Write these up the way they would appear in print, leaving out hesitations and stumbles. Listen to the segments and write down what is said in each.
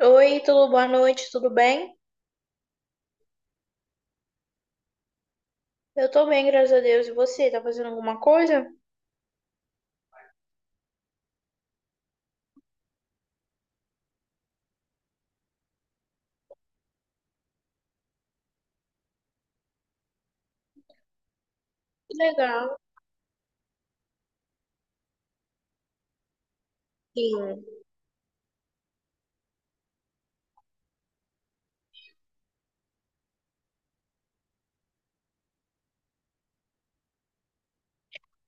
Oi, tudo boa noite, tudo bem? Eu tô bem, graças a Deus. E você, tá fazendo alguma coisa? Legal. Sim.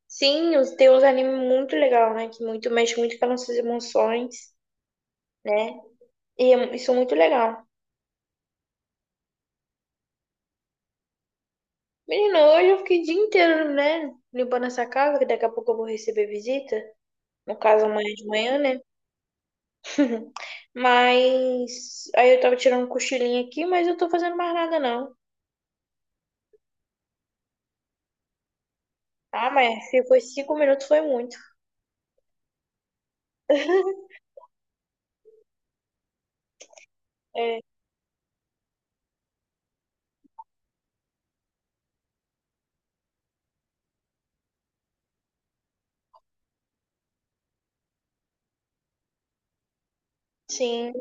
Sim, tem uns animes muito legal, né? Que muito mexe muito com as nossas emoções, né? Isso é muito legal. Menino, hoje eu fiquei o dia inteiro, né? Limpando essa casa, que daqui a pouco eu vou receber visita. No caso, amanhã de manhã, né? Mas aí eu tava tirando um cochilinho aqui, mas eu tô fazendo mais nada, não. Ah, mas se foi 5 minutos, foi muito. É, sim.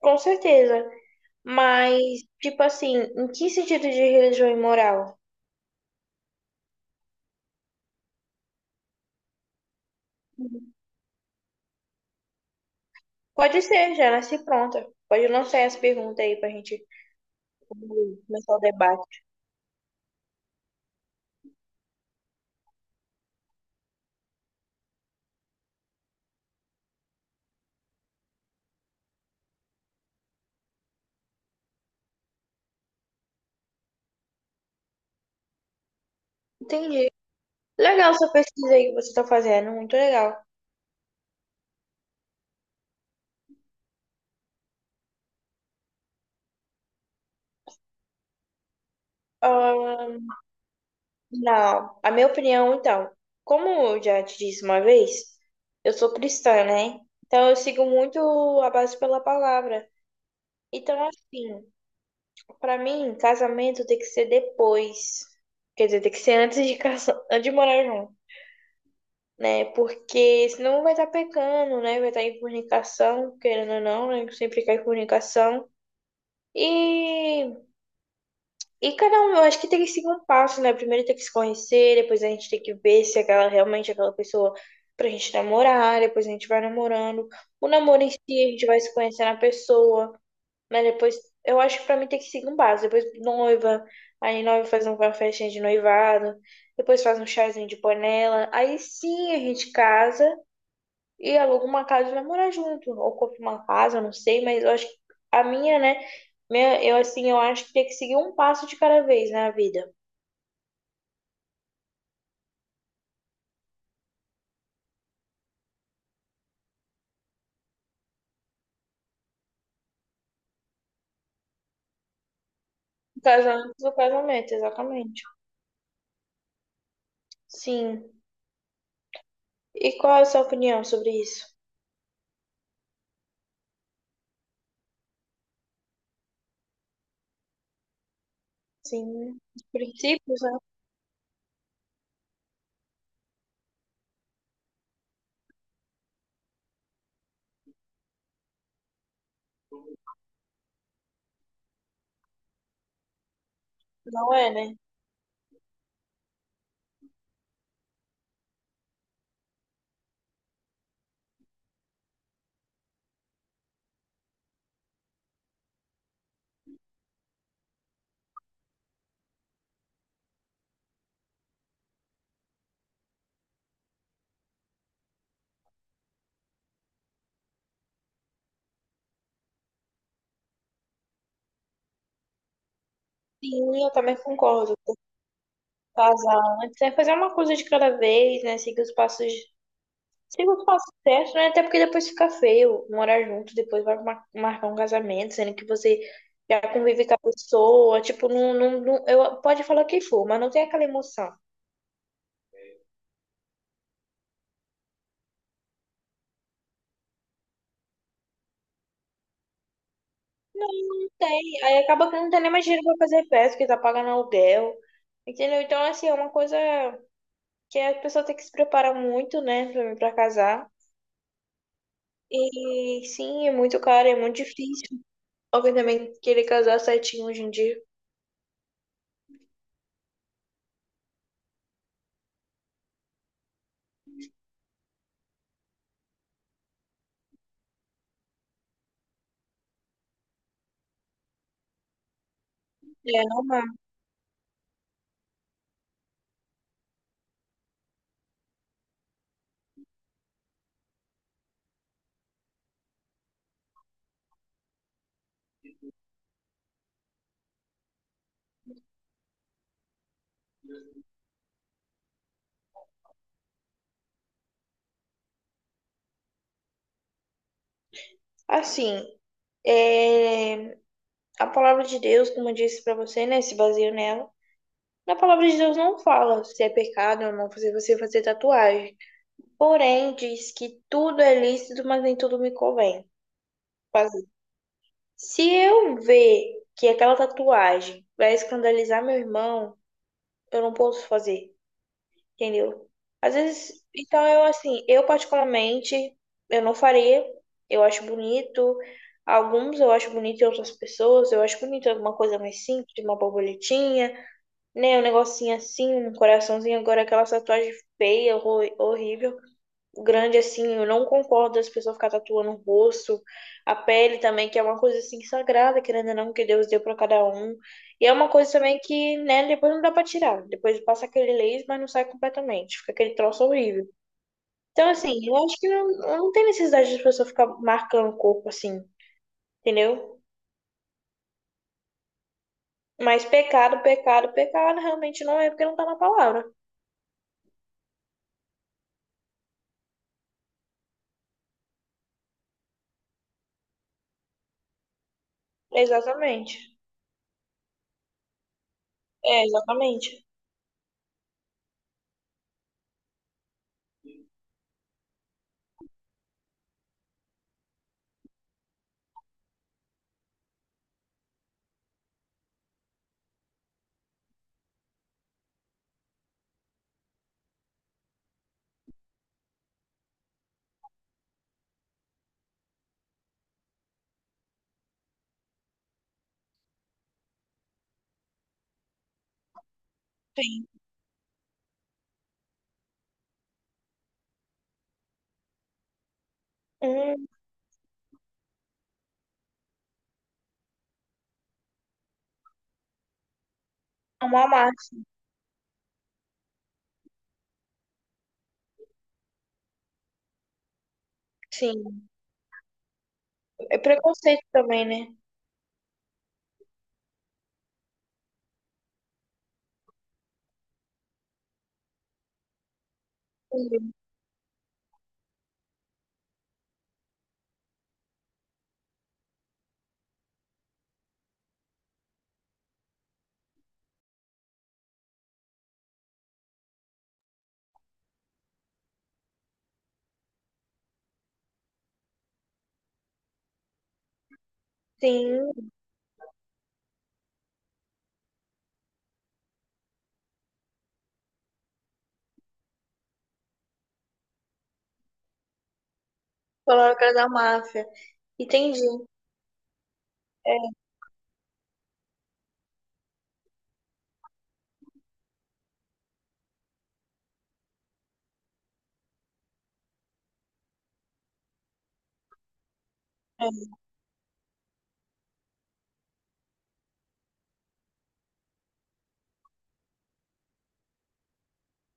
Com certeza. Mas, tipo assim, em que sentido de religião imoral? Pode ser, já nasci pronta. Pode lançar essa pergunta aí pra gente começar o debate. Entendi. Legal essa pesquisa aí que você tá fazendo, muito legal. Ah, não, a minha opinião, então, como eu já te disse uma vez, eu sou cristã, né? Então eu sigo muito a base pela palavra. Então, assim, pra mim, casamento tem que ser depois. Quer dizer, tem que ser antes de casar, antes de morar junto, né? Porque senão vai estar pecando, né? Vai estar em fornicação, querendo ou não, né? Sempre cai em fornicação. E, e cada um, eu acho que tem que seguir um passo, né? Primeiro tem que se conhecer, depois a gente tem que ver se aquela realmente é aquela pessoa pra gente namorar, depois a gente vai namorando. O namoro em si, a gente vai se conhecendo a pessoa. Mas depois, eu acho que pra mim tem que seguir um base. Depois noiva, aí noiva faz uma festinha de noivado, depois faz um chazinho de panela. Aí sim a gente casa e aluga uma casa e vai morar junto. Ou compra uma casa, não sei, mas eu acho que a minha, né? Minha, eu assim, eu acho que tem que seguir um passo de cada vez na vida. O casamento, do casamento, exatamente. Sim. E qual é a sua opinião sobre isso? Sim, os princípios, né? Não é, né? Sim, eu também concordo. Vazar antes, é fazer uma coisa de cada vez, né? Seguir os passos certos, né? Até porque depois fica feio morar junto, depois vai marcar um casamento, sendo que você já convive com a pessoa, tipo, eu pode falar o que for, mas não tem aquela emoção. Não tem, aí acaba que não tem nem mais dinheiro pra fazer festa, porque tá pagando aluguel, entendeu? Então, assim, é uma coisa que a pessoa tem que se preparar muito, né, pra, pra casar. E sim, é muito caro, é muito difícil. Alguém também querer casar certinho hoje em dia. É, não dá. Assim, é, a palavra de Deus, como eu disse pra você, né, se baseio nela. Na palavra de Deus não fala se é pecado ou não fazer você fazer tatuagem. Porém, diz que tudo é lícito, mas nem tudo me convém fazer. Se eu ver que aquela tatuagem vai escandalizar meu irmão, eu não posso fazer. Entendeu? Às vezes, então eu assim, eu particularmente, eu não faria. Eu acho bonito. Alguns eu acho bonito em outras pessoas, eu acho bonito alguma coisa mais simples, uma borboletinha, né? Um negocinho assim, um coraçãozinho, agora aquela tatuagem feia, horrível grande assim, eu não concordo das pessoas ficar tatuando o rosto, a pele também, que é uma coisa assim sagrada, querendo ou não, que Deus deu para cada um. E é uma coisa também que, né, depois não dá para tirar. Depois passa aquele laser, mas não sai completamente, fica aquele troço horrível. Então, assim, eu acho que não, não tem necessidade de as pessoas ficar marcando o corpo assim, entendeu? Mas pecado, pecado, pecado, realmente não é porque não tá na palavra. Exatamente. É, exatamente. Sim. Hum, é uma marca, sim. É preconceito também, né? Sim, coloca da máfia. Entendi. É, é,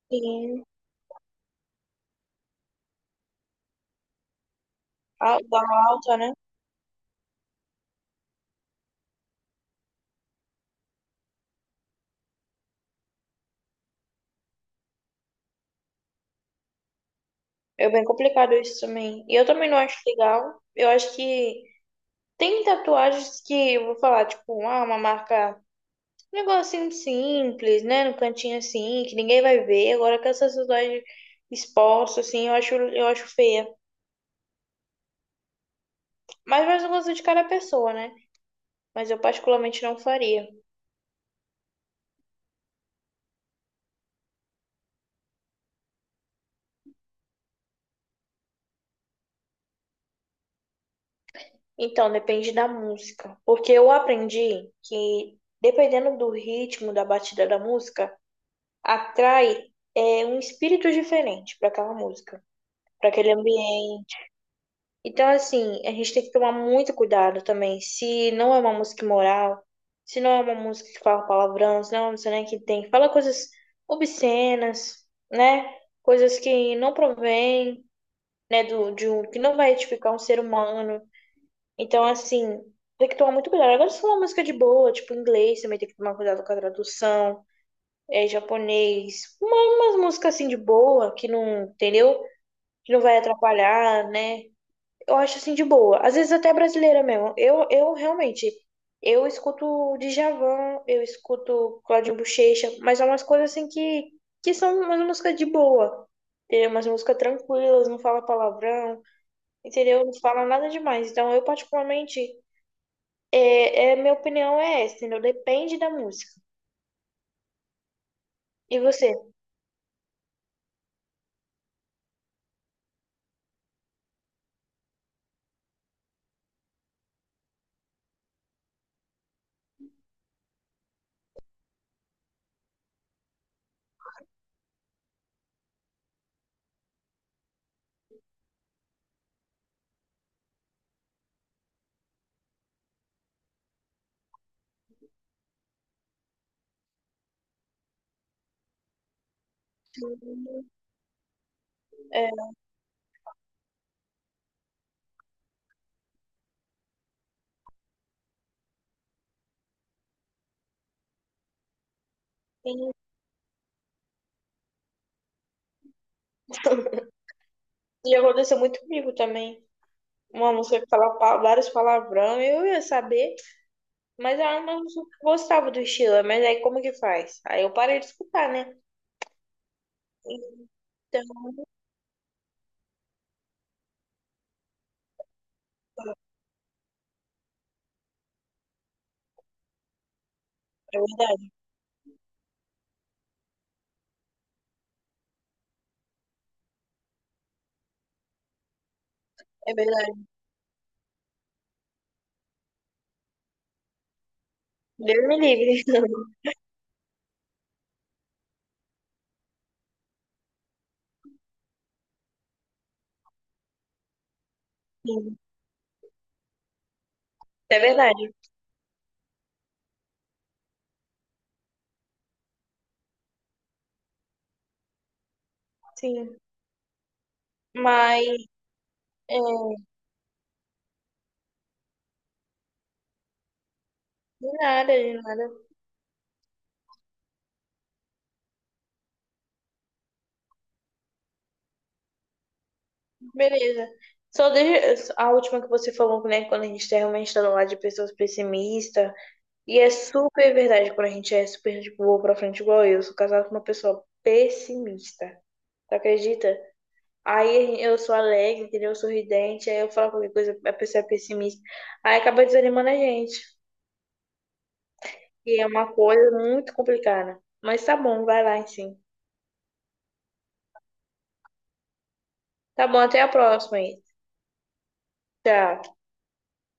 sim, a- da alta, né? É bem complicado isso também. E eu também não acho legal. Eu acho que tem tatuagens que, eu vou falar, tipo, ah, uma marca, um negocinho simples, né? No cantinho assim, que ninguém vai ver. Agora com essas tatuagens expostas, assim, eu acho feia. Mas vai do gosto de cada pessoa, né? Mas eu particularmente não faria. Então, depende da música. Porque eu aprendi que, dependendo do ritmo da batida da música, atrai um espírito diferente para aquela música, para aquele ambiente. Então, assim, a gente tem que tomar muito cuidado também. Se não é uma música imoral, se não é uma música que fala palavrão, se não é uma música, né, que tem, fala coisas obscenas, né? Coisas que não provém, né, do, de um, que não vai edificar um ser humano. Então, assim, tem que tomar muito cuidado. Agora, se for uma música de boa, tipo inglês, também tem que tomar cuidado com a tradução, é, japonês, uma, umas músicas assim de boa, que não, entendeu? Que não vai atrapalhar, né? Eu acho assim de boa. Às vezes até brasileira mesmo. Eu realmente, eu escuto Djavan, eu escuto Claudinho Buchecha, mas é umas coisas assim que são umas músicas de boa. Entendeu? Umas músicas tranquilas, não fala palavrão, entendeu? Não fala nada demais. Então, eu particularmente. Minha opinião é essa, entendeu? Depende da música. E você? É, e aconteceu muito comigo também. Uma música que falava vários palavrão, eu ia saber, mas era uma música que eu gostava do estilo, mas aí como que faz? Aí eu parei de escutar, né? Então, é verdade, é verdade. Deus me livre. Sim, é verdade, sim. Mas, é, de nada, de nada. Beleza. Só deixa a última que você falou, né? Quando a gente tá realmente está do lado de pessoas pessimistas. E é super verdade quando a gente é super de boa pra frente, igual eu. Eu sou casada com uma pessoa pessimista. Tu acredita? Aí eu sou alegre, entendeu? Eu sou sorridente, aí eu falo qualquer coisa, a pessoa é pessimista. Aí acaba desanimando a gente. E é uma coisa muito complicada. Mas tá bom, vai lá, sim. Tá bom, até a próxima aí. Tchau.